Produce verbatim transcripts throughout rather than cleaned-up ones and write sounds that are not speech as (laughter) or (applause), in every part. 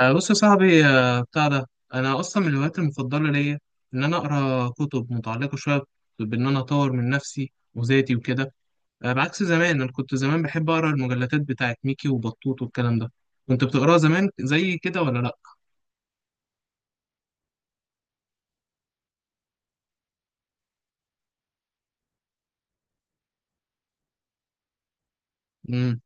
آه، بص يا صاحبي، آه، بتاع ده. انا اصلا من الهوايات المفضله ليا ان انا اقرا كتب متعلقه شويه بان انا اطور من نفسي وذاتي وكده. آه، بعكس زمان، انا كنت زمان بحب اقرا المجلدات بتاعت ميكي وبطوط والكلام ده. كنت بتقراها زمان زي كده ولا لا؟ امم.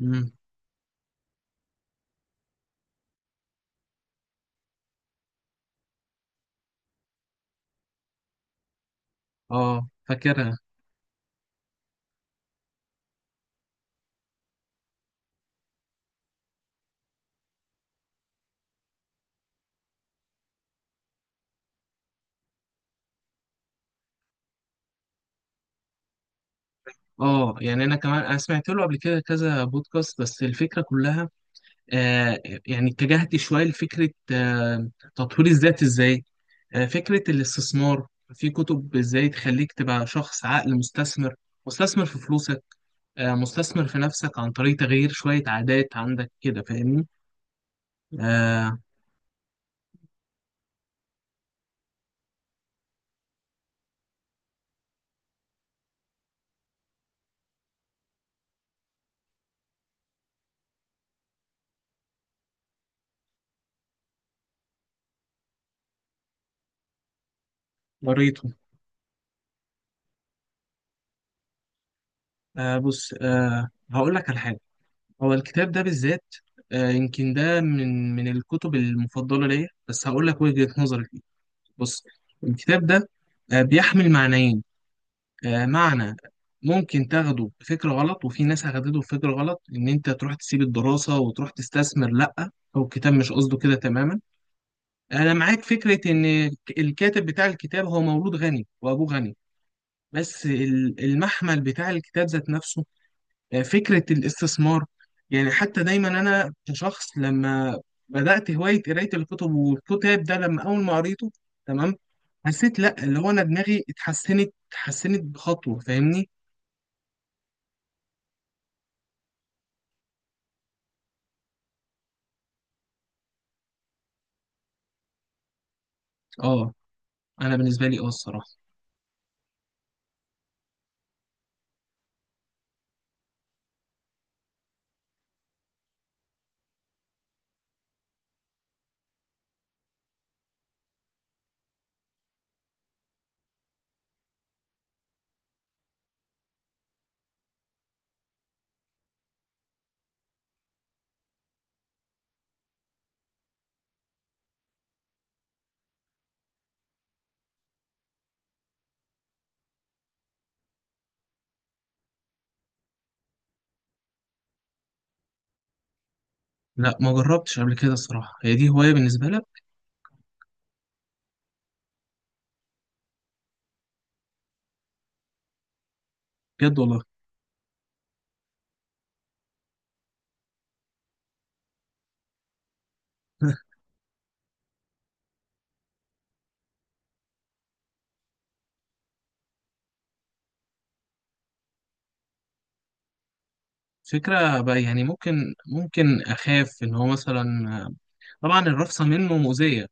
امم. اه، فاكرها. اه يعني انا كمان انا سمعت له قبل كده كذا بودكاست، بس الفكره كلها آه يعني اتجهت شويه لفكره آه تطوير الذات ازاي. آه، فكرة الاستثمار في كتب ازاي تخليك تبقى شخص عاقل مستثمر مستثمر في فلوسك. آه، مستثمر في نفسك عن طريق تغيير شوية عادات عندك كده، فاهمني؟ آه، قريته. آه، بص، آه، هقول لك على حاجة. هو الكتاب ده بالذات، آه، يمكن ده من من الكتب المفضلة ليا، بس هقول لك وجهة نظري فيه. بص، الكتاب ده آه، بيحمل معنيين. آه، معنى ممكن تاخده بفكر غلط، وفي ناس هتاخده بفكر غلط ان انت تروح تسيب الدراسة وتروح تستثمر. لا، هو الكتاب مش قصده كده تماما. انا معاك فكرة ان الكاتب بتاع الكتاب هو مولود غني وابوه غني، بس ال- المحمل بتاع الكتاب ذات نفسه آه، فكرة الاستثمار. يعني حتى دايما انا كشخص، لما بدأت هواية قراية الكتب، والكتاب ده لما اول ما قريته تمام، حسيت، لا، اللي هو انا دماغي اتحسنت اتحسنت بخطوة، فاهمني؟ اه، انا بالنسبه لي اه الصراحه. لا، ما جربتش قبل كده الصراحه. هي دي هوايه بالنسبه لك؟ بجد والله. (laughs) فكره بقى، يعني ممكن ممكن اخاف ان هو مثلا طبعا الرفصه منه مؤذيه.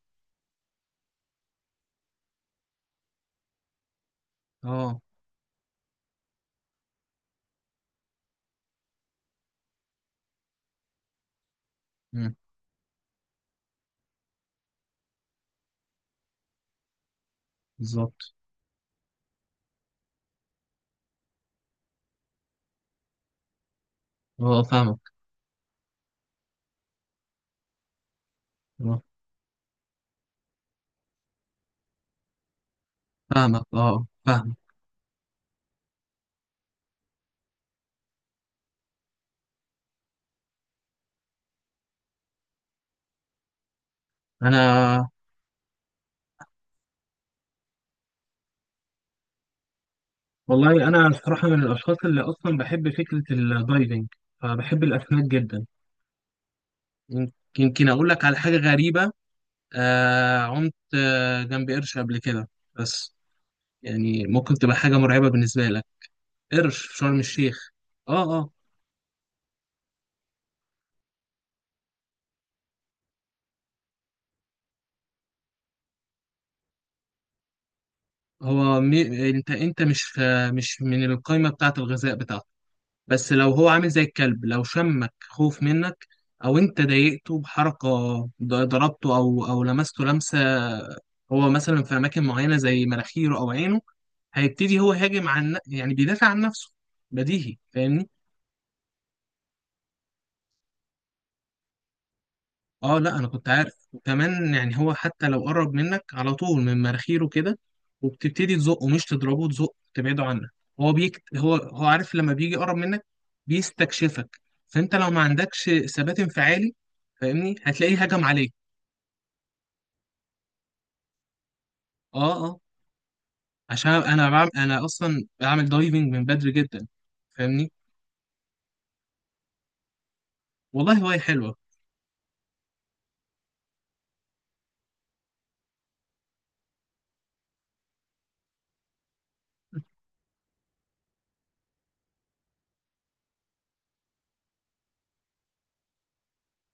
اه. مم، بالظبط. اه، فاهمك اه فاهمك اه آه، فاهمك. انا، والله انا الصراحه من الاشخاص اللي اصلا بحب فكره الدايفنج، فبحب الاسماك جدا. يمكن يمكن اقول لك على حاجه غريبه. آه عمت آه جنب قرش قبل كده، بس يعني ممكن تبقى حاجه مرعبه بالنسبه لك. قرش في شرم الشيخ. اه، اه. هو مي... انت انت مش في... مش من القائمه بتاعه الغذاء بتاعته، بس لو هو عامل زي الكلب، لو شمك خوف منك، او انت ضايقته بحركه، ض- ضربته او او لمسته لمسه، هو مثلا في اماكن معينه زي مناخيره او عينه، هيبتدي هو يهاجم عن ن- يعني بيدافع عن نفسه. بديهي، فاهمني. اه لا، انا كنت عارف، وكمان يعني هو حتى لو قرب منك على طول من مناخيره كده، وبتبتدي تزقه، مش تضربه، تزقه تبعده عنك. هو بيك، هو هو عارف لما بيجي يقرب منك، بيستكشفك. فانت لو ما عندكش ثبات انفعالي، فاهمني، هتلاقيه هجم عليك. اه، اه. عشان انا بعمل انا اصلا بعمل دايفنج من بدري جدا، فاهمني. والله هواية حلوة.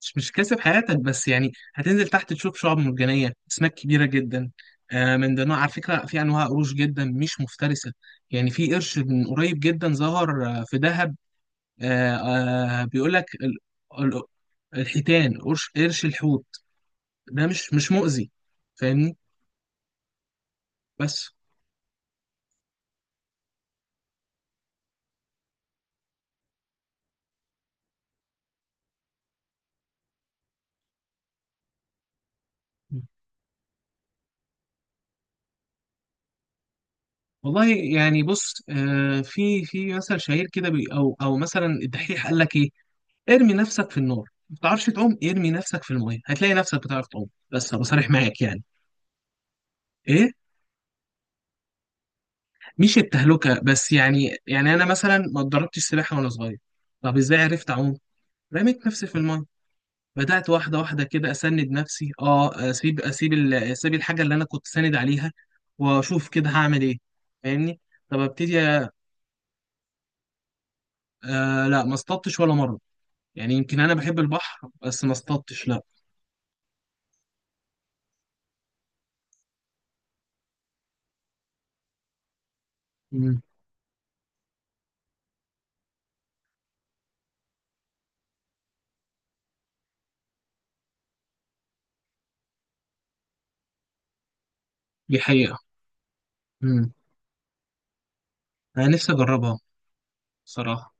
مش مش كاسب حياتك، بس يعني هتنزل تحت تشوف شعاب مرجانية، أسماك كبيرة جدا، آه، من ضمنها على فكرة في أنواع قروش جدا مش مفترسة. يعني في قرش من قريب جدا ظهر، آه، في دهب. آه، آه، بيقول لك ال- ال- الحيتان، قرش قرش الحوت ده مش مش مؤذي، فاهمني. بس والله يعني، بص، آه، في في مثل شهير كده، بي- او او مثلا الدحيح قال لك ايه؟ ارمي نفسك في النار. ما بتعرفش تعوم؟ ارمي نفسك في الميه هتلاقي نفسك بتعرف تعوم، بس ابقى صريح معاك يعني. ايه؟ مش التهلكه، بس يعني يعني انا مثلا ما اتدربتش سباحه وانا صغير. طب ازاي عرفت اعوم؟ رميت نفسي في الميه، بدات واحده واحده كده اسند نفسي، اه، اسيب اسيب ال- اسيب الحاجه اللي انا كنت ساند عليها، واشوف كده هعمل ايه، فاهمني. طب، ابتدي. آه، لا، ما اصطدتش ولا مره. يعني يمكن انا بحب البحر، بس ما اصطدتش، لا. مم. دي حقيقه. مم. انا نفسي اجربها، صراحه.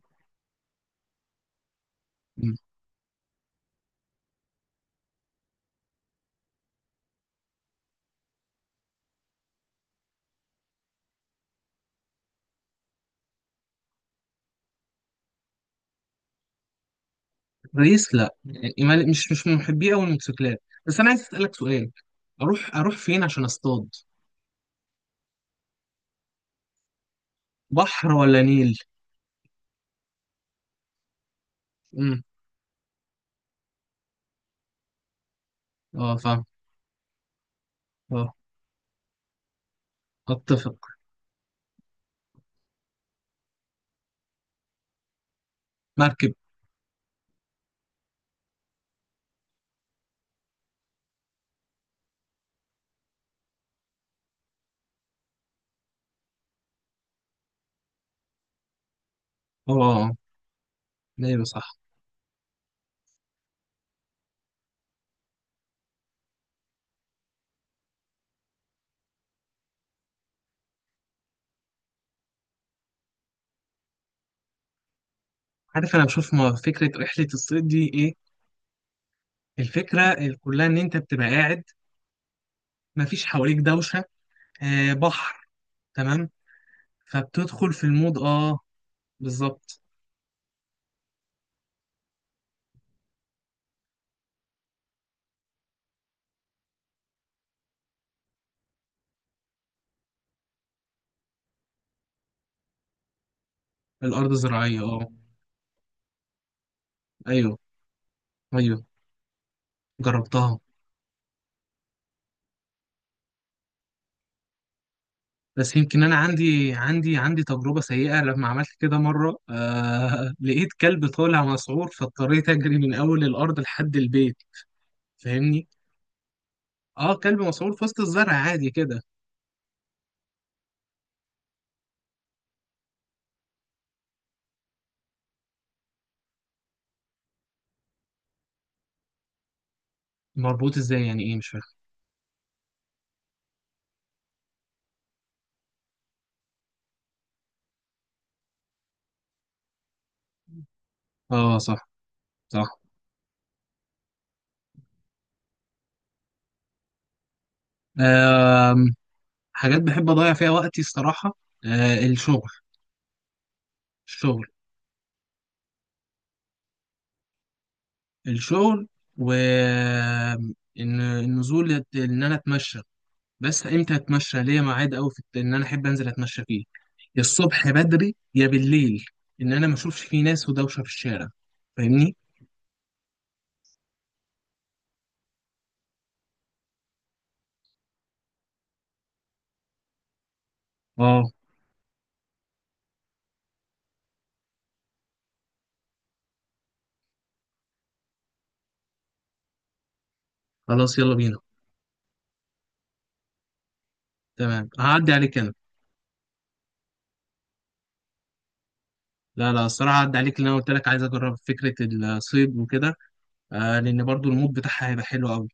رئيس؟ لا يعني ما- مش مش من محبي أوي الموتوسيكلات. بس أنا عايز أسألك سؤال، أروح أروح فين عشان أصطاد؟ بحر ولا نيل؟ امم. اه، فاهم. اه، أتفق. مركب. اه، آه، آه. أيوه، صح. عارف أنا بشوف ما فكرة رحلة الصيد دي إيه؟ الفكرة كلها إن أنت بتبقى قاعد، مفيش حواليك دوشة، آه، بحر. تمام. فبتدخل في المود، اه. بالظبط. الأرض زراعية، اه. أيوه، أيوه، جربتها. بس يمكن انا عندي عندي عندي تجربه سيئه. لما عملت كده مره، آه (laughs) لقيت كلب طالع مسعور، فاضطريت اجري من اول الارض لحد البيت، فاهمني. اه، كلب مسعور في وسط الزرع عادي كده. مربوط ازاي يعني ايه؟ مش فاهم. اه، صح، صح. آه، حاجات بحب اضيع فيها وقتي الصراحه، آه، الشغل. الشغل. الشغل. و إن- النزول، ان انا اتمشى. بس امتى اتمشى؟ ليا ميعاد قوي في ان انا احب انزل اتمشى فيه، يا الصبح بدري يا بالليل، ان انا ما اشوفش فيه ناس ودوشه في الشارع، فاهمني. اه. خلاص، يلا بينا. تمام، هعدي عليك انا. لا، لا، الصراحه هعدي عليك، لان انا قلت لك عايز اجرب فكره الصيد وكده. آه لان برضو المود بتاعها هيبقى حلو قوي.